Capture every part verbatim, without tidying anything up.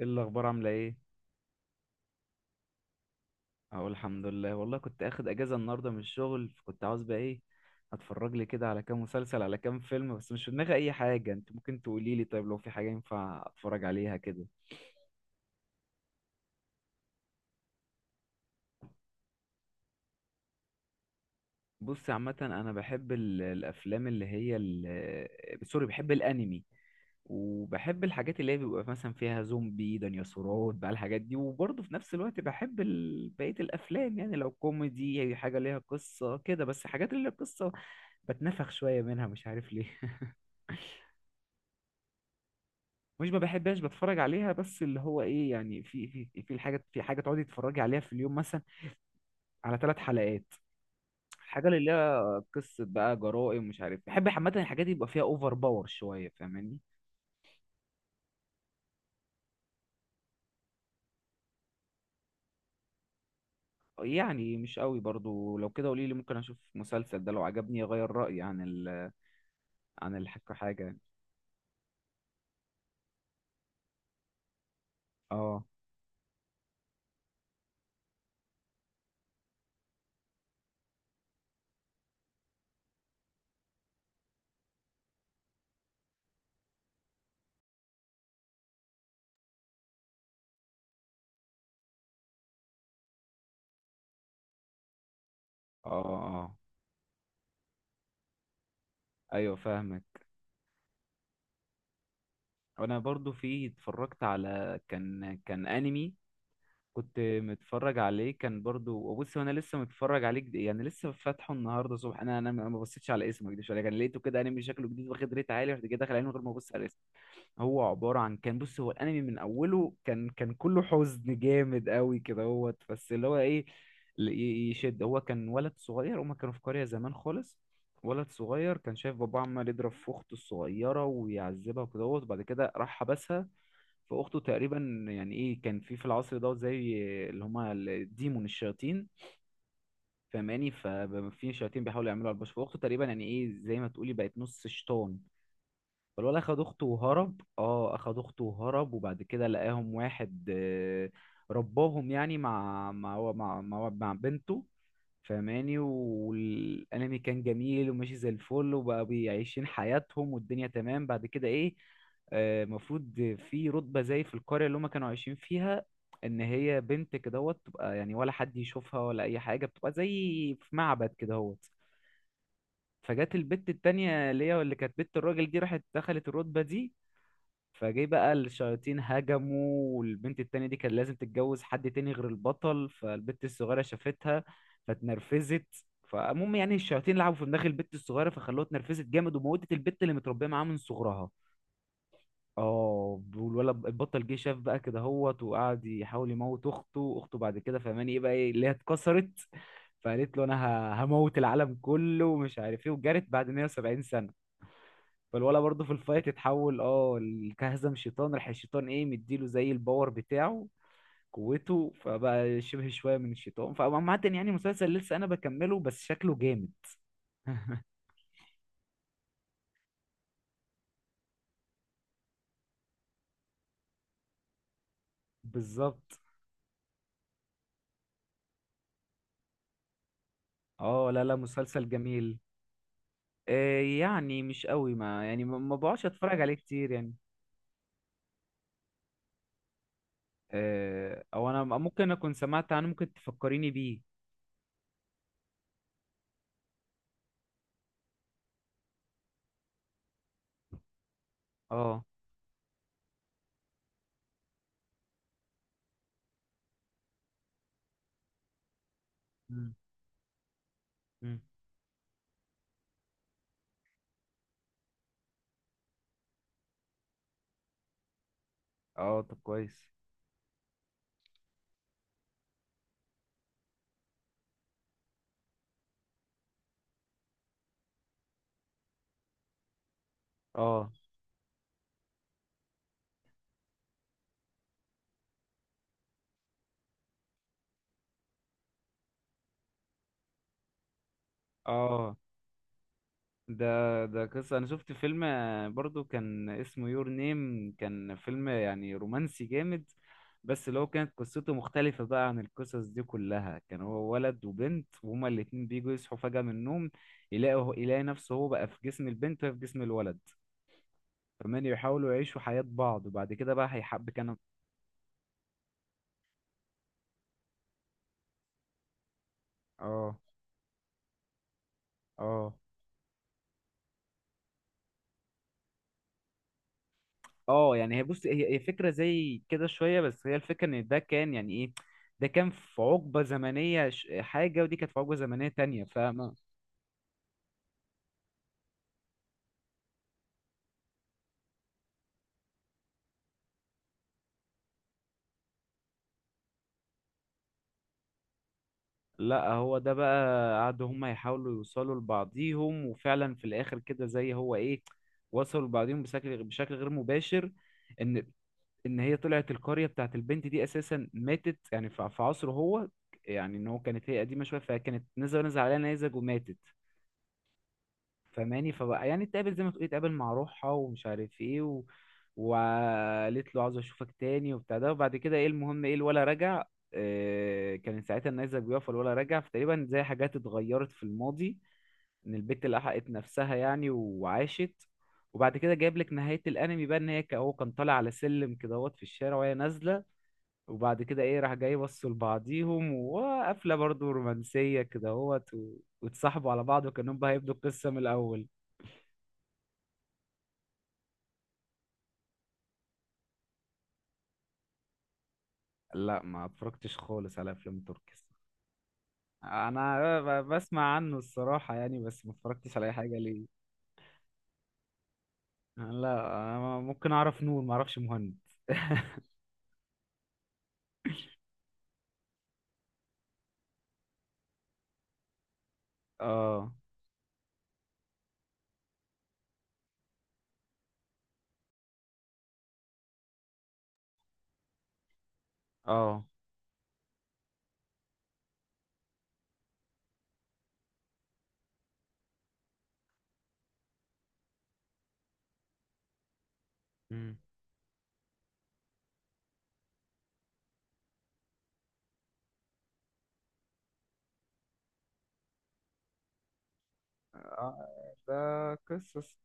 ايه الاخبار؟ عامله ايه؟ اقول الحمد لله. والله كنت اخد اجازه النهارده من الشغل، فكنت عاوز بقى ايه، اتفرج لي كده على كام مسلسل، على كام فيلم، بس مش في دماغي اي حاجه. انت ممكن تقولي لي طيب، لو في حاجه ينفع اتفرج عليها كده. بصي عامه، انا بحب ال- الافلام اللي هي ال- سوري، بحب الانمي، وبحب الحاجات اللي هي بيبقى مثلا فيها زومبي، ديناصورات بقى، الحاجات دي. وبرضه في نفس الوقت بحب ال... بقية الأفلام، يعني لو كوميدي أي حاجة ليها قصة كده. بس حاجات اللي قصة بتنفخ شوية منها، مش عارف ليه. مش ما بحبهاش، بتفرج عليها، بس اللي هو إيه يعني، في في في الحاجة، في حاجة تقعدي تتفرجي عليها في اليوم مثلا على ثلاث حلقات. الحاجة اللي ليها قصة بقى، جرائم، مش عارف، بحب عامة الحاجات دي يبقى فيها أوفر باور شوية، فاهماني؟ يعني مش قوي برضو. لو كده قولي لي، ممكن اشوف مسلسل ده، لو عجبني اغير رأيي عن ال عن الحكة حاجة يعني. اه، اه، اه، ايوه فاهمك. انا برضو في اتفرجت على كان كان انمي كنت متفرج عليه. كان برضو، بص انا لسه متفرج عليه جد- يعني لسه فاتحه النهارده الصبح. انا انا ما بصيتش على اسمه، ما اكدبش عليك، انا لقيته كده انمي شكله جديد، واخد ريت عالي، رحت جاي داخل عليه من غير ما ابص على اسمه. هو عبارة عن، كان بص، هو الأنمي من أوله كان كان كله حزن جامد قوي كده. هو بس اللي هو إيه، ل- ي- يشد. هو كان ولد صغير، هما كانوا في قرية زمان خالص. ولد صغير كان شايف باباه عمال يضرب في أخته الصغيرة ويعذبها وكده هوت، وبعد كده راح حبسها. فأخته تقريبا يعني إيه، كان في في العصر دوت زي اللي هما الديمون، الشياطين، فاهماني؟ ففي شياطين بيحاولوا يعملوا على البشر، فأخته تقريبا يعني إيه، زي ما تقولي بقت نص شيطان. فالولد اخد اخته وهرب، اه اخد اخته وهرب، وبعد كده لقاهم واحد آه، رباهم، يعني مع مع مع مع, مع بنته، فاهماني؟ والانمي كان جميل وماشي زي الفل، وبقى بيعيشين حياتهم والدنيا تمام. بعد كده ايه آه، المفروض في رتبة زي في القرية اللي هما كانوا عايشين فيها، ان هي بنت كدهوت تبقى يعني، ولا حد يشوفها ولا اي حاجة، بتبقى زي في معبد كدهوت. فجت البت التانية اللي هي اللي كانت بنت الراجل دي، راحت دخلت الرتبة دي. فجه بقى الشياطين هجموا، والبنت التانية دي كان لازم تتجوز حد تاني غير البطل، فالبنت الصغيرة شافتها فاتنرفزت. فالمهم يعني، الشياطين لعبوا في دماغ البنت الصغيرة، فخلوها اتنرفزت جامد، وموتت البنت اللي متربية معاها من صغرها. اه، والولد البطل جه شاف بقى كده هوت، وقعد يحاول يموت اخته، اخته بعد كده، فهماني؟ ايه بقى ايه اللي هي اتكسرت، فقالت له انا ه- هموت العالم كله، ومش عارف ايه، وجرت بعد مائة وسبعين سنة. فالولا برضه في الفايت اتحول، اه ال- كهزم شيطان، راح الشيطان ايه مديله زي الباور بتاعه، قوته، فبقى شبه شويه من الشيطان. فعامة يعني مسلسل لسه انا بكمله، بس شكله جامد. بالظبط. اه، لا لا، مسلسل جميل. آه يعني مش قوي، ما يعني ما ما بقعدش اتفرج عليه كتير يعني. آه او انا ممكن اكون سمعت عنه، ممكن تفكريني بيه. اه. مم. مم. اه طب كويس. اه. اه. ده ده قصة، أنا شفت فيلم آه، برضو كان اسمه يور نيم، كان فيلم يعني رومانسي جامد، بس اللي هو كانت قصته مختلفة بقى عن القصص دي كلها. كان هو ولد وبنت، وهما الاتنين بيجوا يصحوا فجأة من النوم، يلاقوا يلاقي نفسه هو بقى في جسم البنت، وهي في جسم الولد. فمان يحاولوا يعيشوا حياة بعض، وبعد كده بقى هيحب كانوا. اه. اه. اه. يعني هي بص، هي هي فكرة زي كده شوية، بس هي الفكرة ان ده كان يعني ايه، ده كان في عقبة زمنية ش- حاجة، ودي كانت في عقبة زمنية تانية، فاهمة؟ لا هو ده بقى قعدوا هما يحاولوا يوصلوا لبعضيهم، وفعلا في الاخر كده زي هو ايه، وصلوا لبعضيهم بشكل بشكل غير مباشر. ان ان هي طلعت القرية بتاعت البنت دي اساسا ماتت يعني، في في عصره هو، يعني ان هو كانت هي قديمة شوية، فكانت نزل نزل عليها نيزك وماتت، فماني؟ فبقى يعني اتقابل، زي ما تقولي اتقابل مع روحها، ومش عارف ايه، و... وقالت له عاوز اشوفك تاني وبتاع ده. وبعد كده ايه، المهم ايه الولا رجع، آه، كان ساعتها النيزك بيقف، الولا رجع، فتقريبا زي حاجات اتغيرت في الماضي، ان البت لحقت نفسها يعني وعاشت. وبعد كده جايب لك نهاية الانمي بقى، ان هي ك- هو كان طالع على سلم كده هوت في الشارع، وهي نازلة، وبعد كده ايه راح جاي بصوا لبعضيهم، وقفلة برضو رومانسية كده هوت، و... واتصاحبوا على بعض، وكأنهم بقى هيبدوا القصة من الأول. لا ما اتفرجتش خالص على افلام تركي. انا ب- بسمع عنه الصراحة يعني، بس ما اتفرجتش على اي حاجة ليه. لا أنا ممكن اعرف نور، ما اعرفش مهند. اه. اه. مم. آه، ده قصص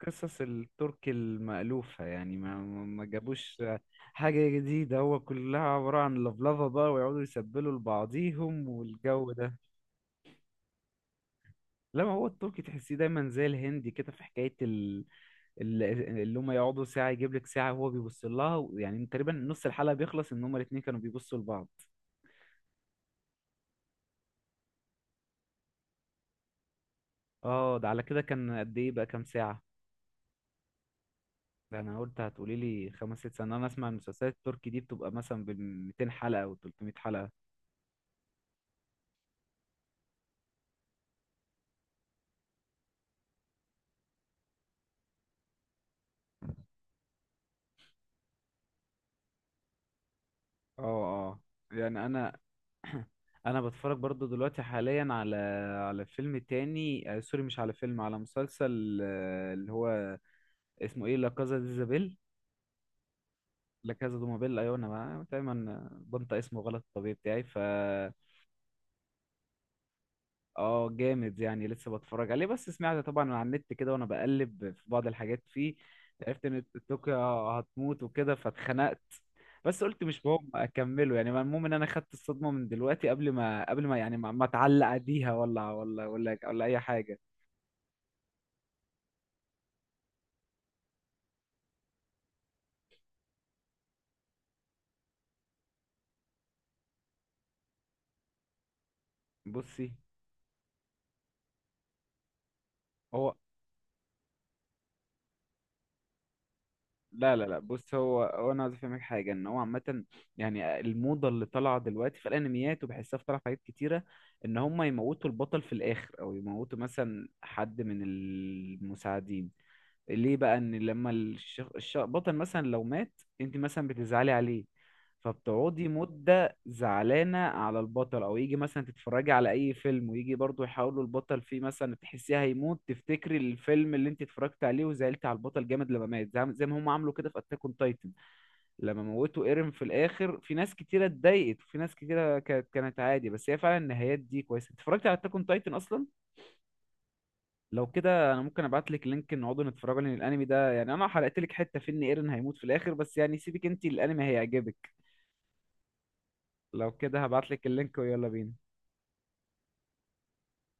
قصص التركي المألوفة يعني، ما ما ما جابوش حاجة جديدة، هو كلها عبارة عن لفلفة بقى، ويقعدوا يسبلوا لبعضيهم والجو ده. لا ما هو التركي تحسيه دايما زي الهندي كده، في حكاية ال- اللي هم يقعدوا ساعة يجيب لك ساعة وهو بيبص لها، يعني تقريبا نص الحلقة بيخلص ان هما الاتنين كانوا بيبصوا لبعض. اه، ده على كده كان قد ايه بقى، كام ساعة؟ ده انا قلت هتقولي لي خمس ست سنين، انا اسمع المسلسلات التركي دي بتبقى مثلا بال ميتين حلقة او تلتمية حلقة. اه. اه. يعني انا، انا بتفرج برضو دلوقتي حاليا على، على فيلم تاني آه، سوري مش على فيلم، على مسلسل آه، اللي هو اسمه ايه، لا كازا دي زابيل، لا كازا دومابيل، ايوه. انا بقى- دايما بنطق اسمه غلط، الطبيعي بتاعي. ف اه جامد، يعني لسه بتفرج عليه، بس سمعت طبعا على النت كده وانا بقلب في بعض الحاجات فيه، عرفت ان طوكيو هتموت وكده فاتخنقت. بس قلت مش مهم اكمله، يعني المهم ان انا خدت الصدمة من دلوقتي قبل ما قبل ما يعني ما ما اتعلق بيها، ولا ولا ولا ولا اي حاجة. بصي. هو لا لا لا بص، هو هو انا عايز افهمك حاجه، ان هو عامه يعني، الموضه اللي طالعه دلوقتي في الانميات، وبحسها في طالعه في حاجات كتيره، ان هم يموتوا البطل في الاخر، او يموتوا مثلا حد من المساعدين. ليه بقى؟ ان لما الشخ... الش... بطل مثلا لو مات، انت مثلا بتزعلي عليه، فبتقعدي مدة زعلانة على البطل. او يجي مثلا تتفرجي على اي فيلم، ويجي برضو يحاولوا البطل فيه مثلا تحسيه هيموت، تفتكري الفيلم اللي انت اتفرجت عليه وزعلت على البطل جامد لما مات، زي زي ما هم عملوا كده في اتاك اون تايتن. لما موتوا ايرين في الاخر، في ناس كتيرة اتضايقت، وفي ناس كتيرة كانت كانت عادي، بس هي فعلا النهايات دي كويسة. اتفرجت على اتاك اون تايتن اصلا؟ لو كده انا ممكن ابعت لك لينك نقعدوا نتفرجوا، لان الانمي ده يعني، انا حرقت لك حته في ان ايرن هيموت في الاخر، بس يعني سيبك، انت الانمي هيعجبك. لو كده هبعت لك اللينك ويلا بينا.